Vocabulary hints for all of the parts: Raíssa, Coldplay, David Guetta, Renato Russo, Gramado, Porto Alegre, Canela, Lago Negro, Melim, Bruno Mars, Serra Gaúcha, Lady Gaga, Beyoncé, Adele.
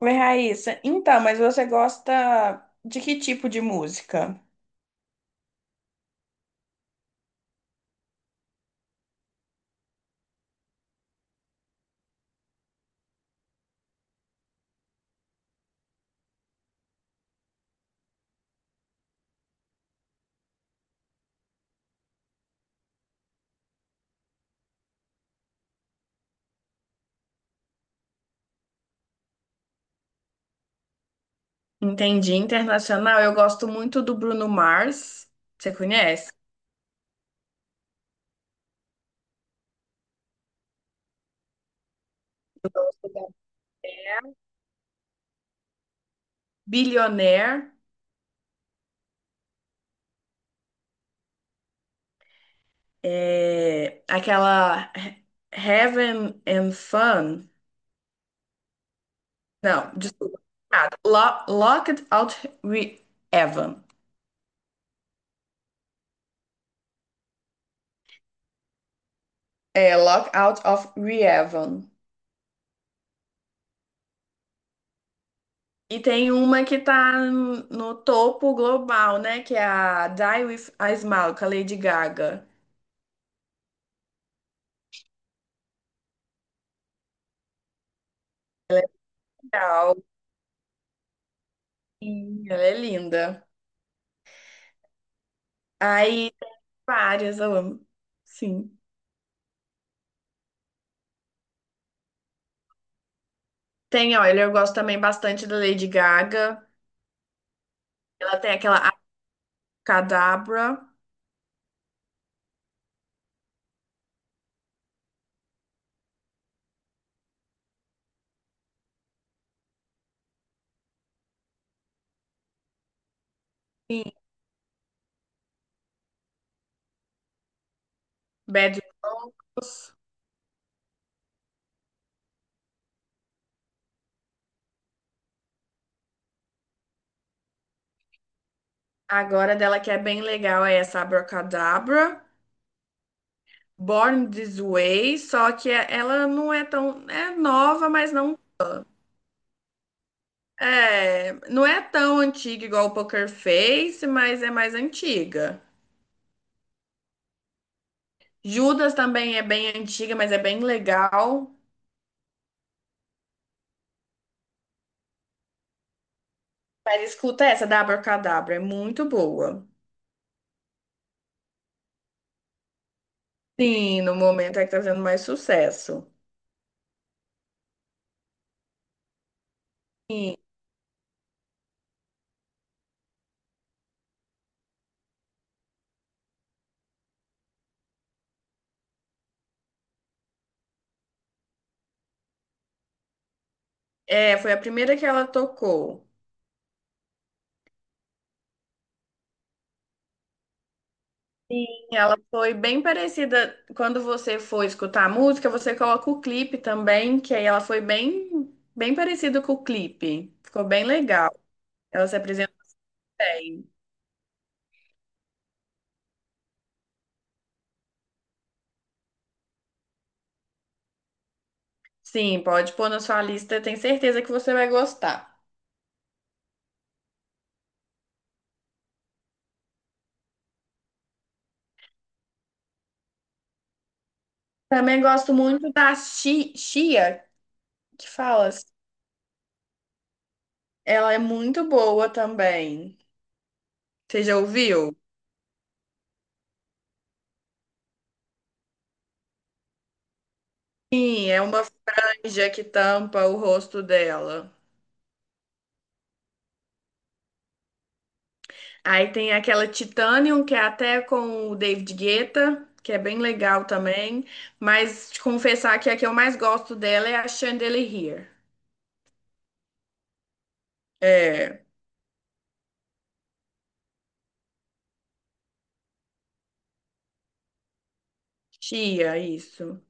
Oi, Raíssa. Então, mas você gosta de que tipo de música? Entendi. Internacional, eu gosto muito do Bruno Mars. Você conhece? Eu gosto da Billionaire, é, aquela Heaven and Fun. Não, desculpa. Ah, Locked Out Re Evan. É, Locked Out of Re Evan. E tem uma que tá no topo global, né? Que é a Die With a Smile, com a Lady Gaga. Ela é legal. Sim. Ela é linda. Aí, tem várias, eu amo. Sim. Tem, olha, eu gosto também bastante da Lady Gaga. Ela tem aquela Abracadabra. Sim. Bad Vocals. Agora dela que é bem legal é essa Abracadabra. Born This Way. Só que ela não é tão. É nova, mas não. É, não é tão antiga igual o Poker Face, mas é mais antiga. Judas também é bem antiga, mas é bem legal. Mas escuta essa, da Abracadabra, é muito boa. Sim, no momento é que tá fazendo mais sucesso. Sim. É, foi a primeira que ela tocou. Sim. Ela foi bem parecida. Quando você for escutar a música, você coloca o clipe também, que aí ela foi bem, bem parecida com o clipe. Ficou bem legal. Ela se apresentou bem. Sim, pode pôr na sua lista, tenho certeza que você vai gostar. Também gosto muito da chia, que fala, assim, ela é muito boa também. Você já ouviu? Sim, é uma franja que tampa o rosto dela. Aí tem aquela Titanium, que é até com o David Guetta, que é bem legal também. Mas te confessar que a que eu mais gosto dela é a Chandelier. É, chia, isso.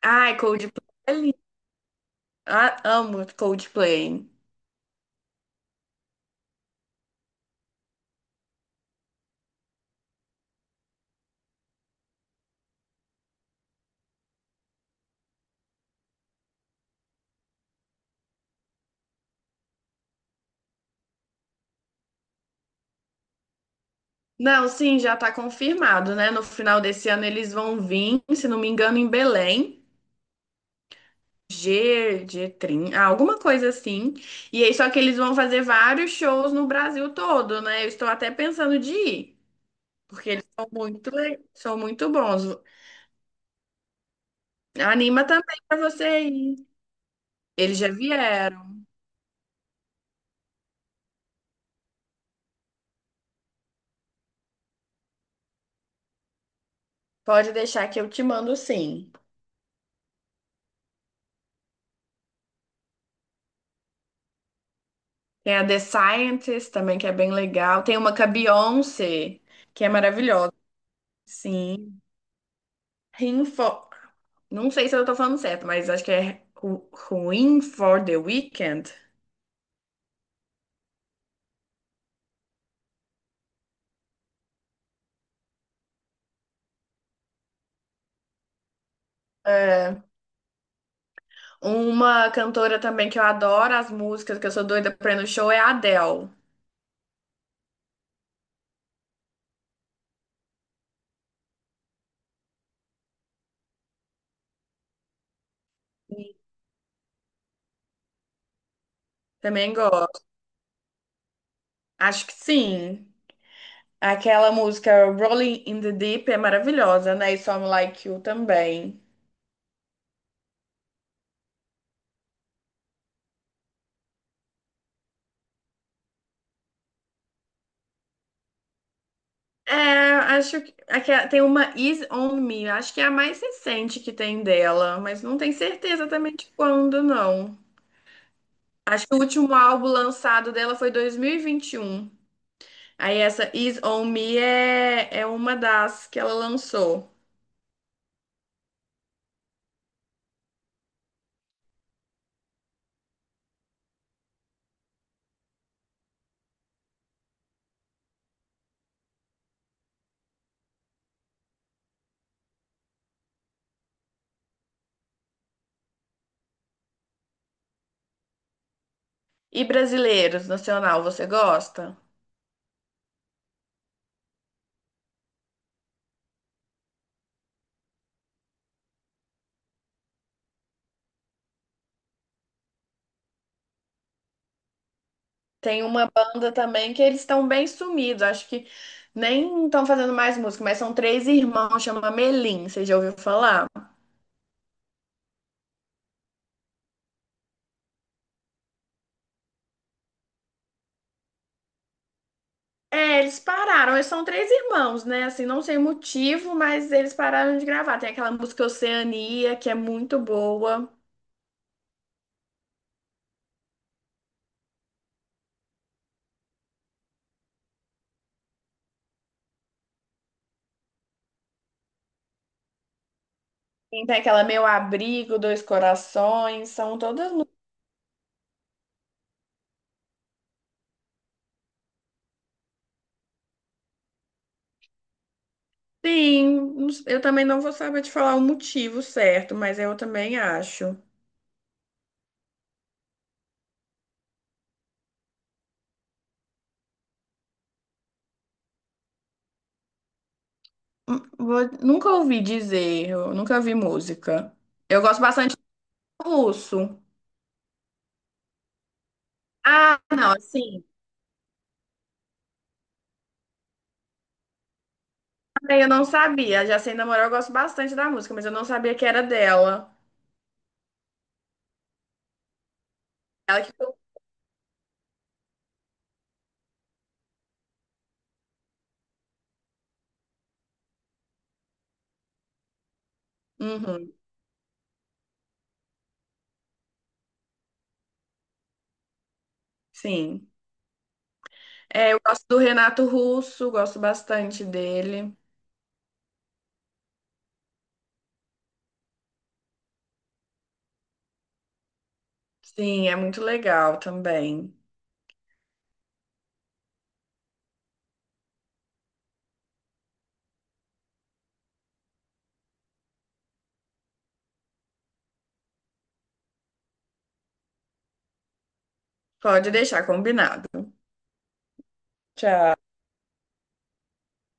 Ai, Coldplay. Ah, amo Coldplay. Não, sim, já está confirmado, né? No final desse ano eles vão vir, se não me engano, em Belém, G30, ah, alguma coisa assim. E aí, só que eles vão fazer vários shows no Brasil todo, né? Eu estou até pensando de ir, porque eles são muito, são muito bons. Anima também para você ir. Eles já vieram. Pode deixar que eu te mando sim. Tem a The Scientist também, que é bem legal. Tem uma com a Beyoncé, que é maravilhosa. Sim. Rinfo... Não sei se eu tô falando certo, mas acho que é Ruin for the Weekend. É. Uma cantora também que eu adoro as músicas, que eu sou doida pra ir no show, é a Adele. Também gosto. Acho que sim. Aquela música Rolling in the Deep é maravilhosa, né? E Some Like You também. É, acho que tem uma Is On Me, acho que é a mais recente que tem dela, mas não tenho certeza também de quando, não. Acho que o último álbum lançado dela foi 2021. Aí essa Is On Me é uma das que ela lançou. E brasileiros, nacional, você gosta? Tem uma banda também que eles estão bem sumidos. Acho que nem estão fazendo mais música, mas são três irmãos, chama Melim. Você já ouviu falar? É, eles pararam. Eles são três irmãos, né? Assim, não sei o motivo, mas eles pararam de gravar. Tem aquela música Oceania, que é muito boa. Tem aquela Meu Abrigo, Dois Corações, são todas. Sim, não eu também não vou saber te falar o motivo certo, mas eu também acho. Nunca ouvi dizer, eu nunca vi música. Eu gosto bastante do russo. Ah, não, assim, também eu não sabia. Já sei namorar, eu gosto bastante da música, mas eu não sabia que era dela. Ela que. Uhum, sim. É, eu gosto do Renato Russo, gosto bastante dele. Sim, é muito legal também. Pode deixar combinado. Tchau.